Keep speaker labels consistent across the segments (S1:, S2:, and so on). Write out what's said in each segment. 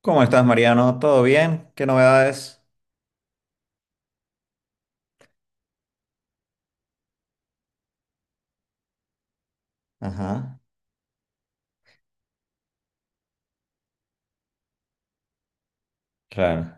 S1: ¿Cómo estás, Mariano? ¿Todo bien? ¿Qué novedades? Ajá, claro.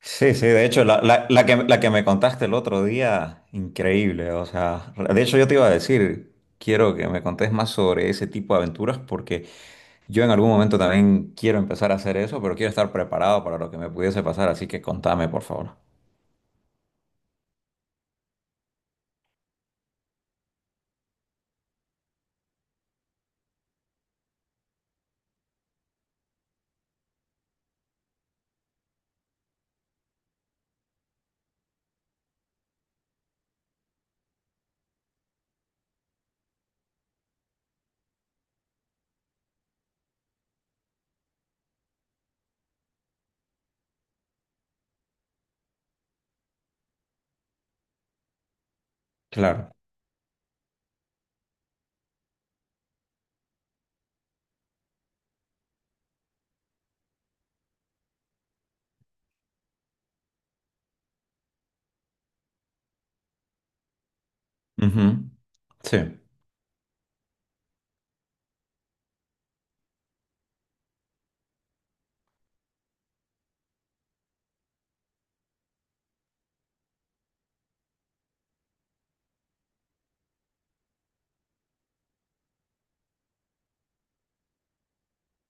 S1: Sí, sí, de hecho, la que me contaste el otro día, increíble. O sea, de hecho yo te iba a decir, quiero que me contés más sobre ese tipo de aventuras porque yo en algún momento también quiero empezar a hacer eso, pero quiero estar preparado para lo que me pudiese pasar, así que contame, por favor. Claro. Ujú. Sí.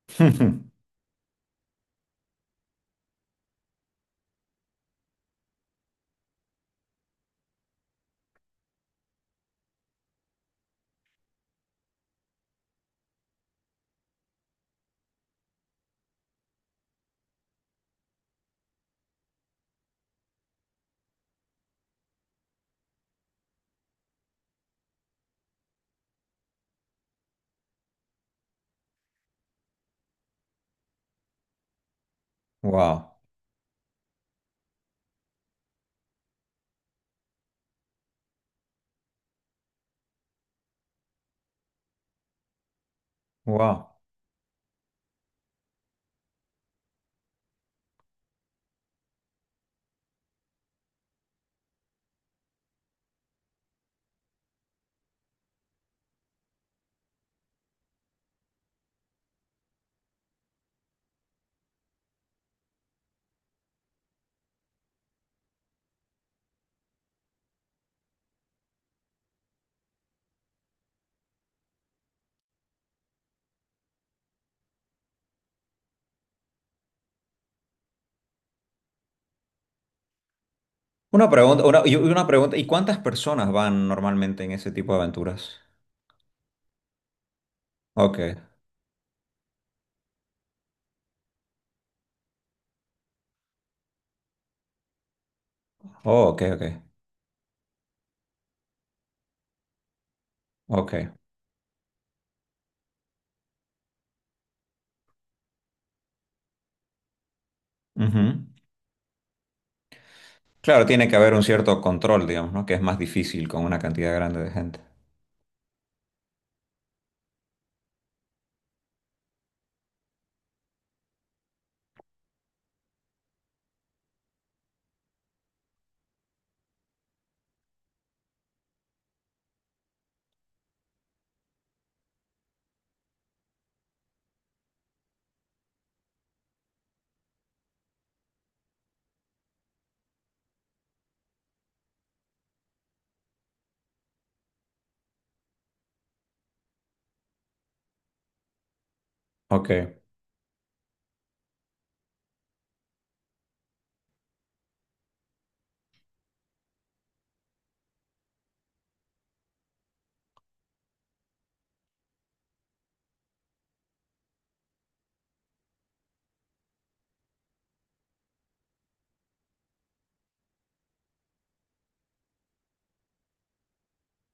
S1: Wow, wow. Una pregunta, una pregunta, ¿y cuántas personas van normalmente en ese tipo de aventuras? Ok. Oh, ok, ok, ok. Ujú. Claro, tiene que haber un cierto control, digamos, ¿no? Que es más difícil con una cantidad grande de gente. Ok,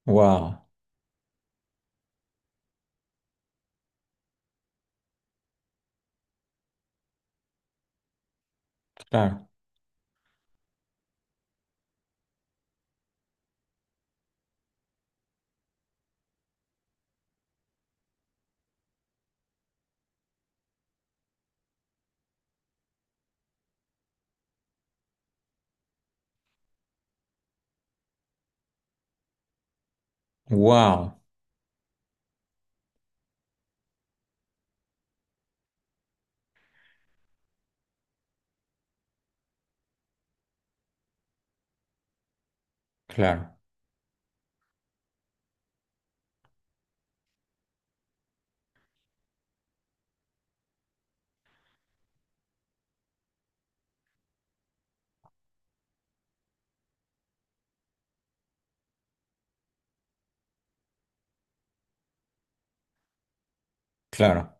S1: wow, claro, wow, claro, claro,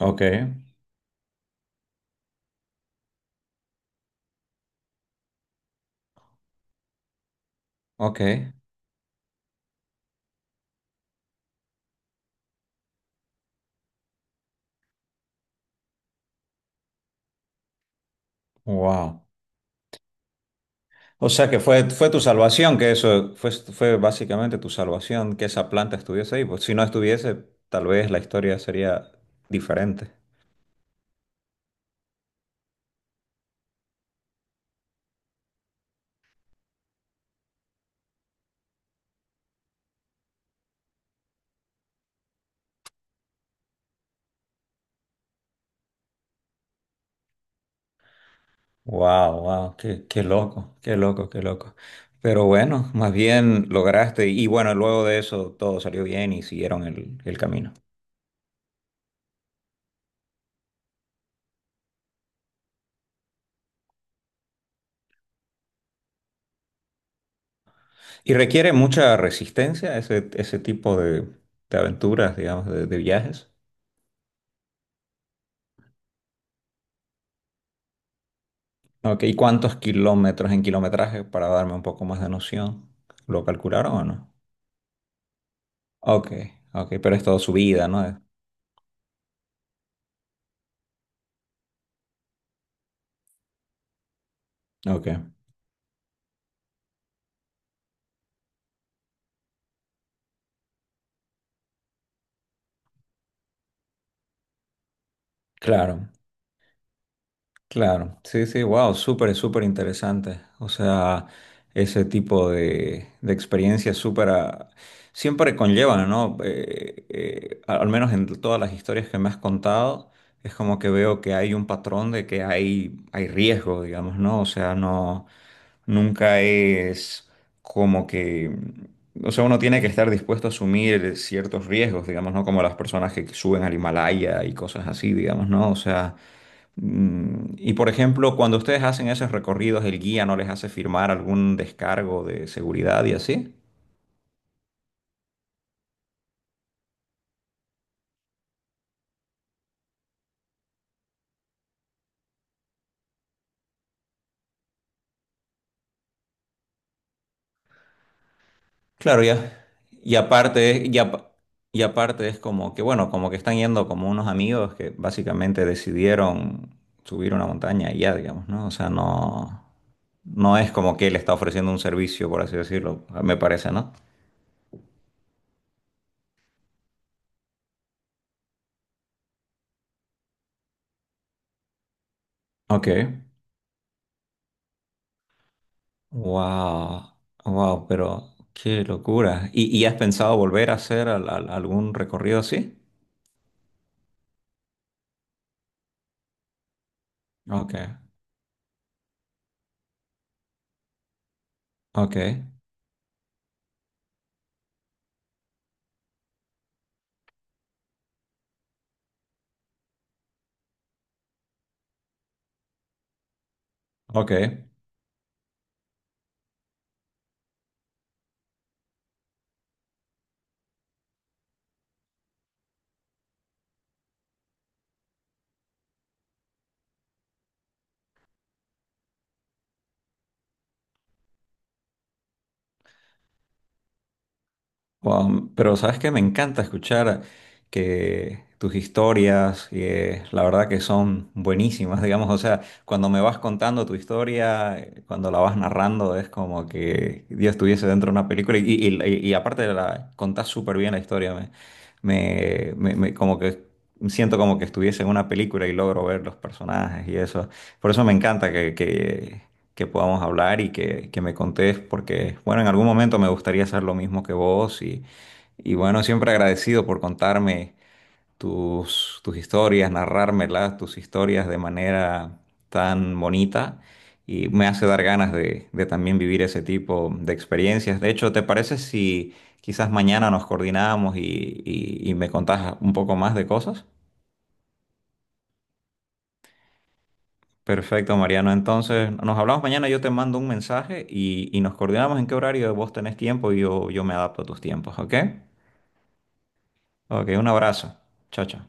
S1: ok, ok, wow. O sea que fue, fue tu salvación, que eso fue, fue básicamente tu salvación, que esa planta estuviese ahí. Pues si no estuviese, tal vez la historia sería diferente. Wow, wow, qué, qué loco, qué loco, qué loco. Pero bueno, más bien lograste y bueno, luego de eso todo salió bien y siguieron el camino. Y requiere mucha resistencia ese, ese tipo de aventuras, digamos, de viajes. Ok, ¿y cuántos kilómetros en kilometraje para darme un poco más de noción? ¿Lo calcularon o no? Ok, ok, pero es todo subida, ¿no? Ok, claro. Claro, sí, sí, wow, súper, súper interesante. O sea, ese tipo de experiencias súper, ah, siempre conllevan, ¿no? Al menos en todas las historias que me has contado, es como que veo que hay un patrón de que hay riesgo, digamos, ¿no? O sea, no, nunca es como que, o sea, uno tiene que estar dispuesto a asumir ciertos riesgos, digamos, ¿no? Como las personas que suben al Himalaya y cosas así, digamos, ¿no? O sea... Mm, y por ejemplo, cuando ustedes hacen esos recorridos, el guía no les hace firmar algún descargo de seguridad y así. Claro, ya. Y aparte, y aparte es como que, bueno, como que están yendo como unos amigos que básicamente decidieron subir una montaña y ya, digamos, ¿no? O sea, no, no es como que él está ofreciendo un servicio, por así decirlo, me parece, ¿no? Ok. Wow, wow, pero qué locura. Y has pensado volver a hacer algún recorrido así? Ok, ok, ok. Pero sabes que me encanta escuchar que tus historias, que la verdad que son buenísimas, digamos, o sea, cuando me vas contando tu historia, cuando la vas narrando, es como que Dios estuviese dentro de una película y, y aparte de la contás súper bien la historia, como que siento como que estuviese en una película y logro ver los personajes y eso. Por eso me encanta que podamos hablar y que me contés, porque, bueno, en algún momento me gustaría hacer lo mismo que vos y bueno, siempre agradecido por contarme tus, tus historias, narrármelas, tus historias de manera tan bonita y me hace dar ganas de también vivir ese tipo de experiencias. De hecho, ¿te parece si quizás mañana nos coordinamos y, y me contás un poco más de cosas? Perfecto, Mariano. Entonces, nos hablamos mañana, yo te mando un mensaje y nos coordinamos en qué horario vos tenés tiempo y yo me adapto a tus tiempos, ¿ok? Ok, un abrazo. Chao, chao.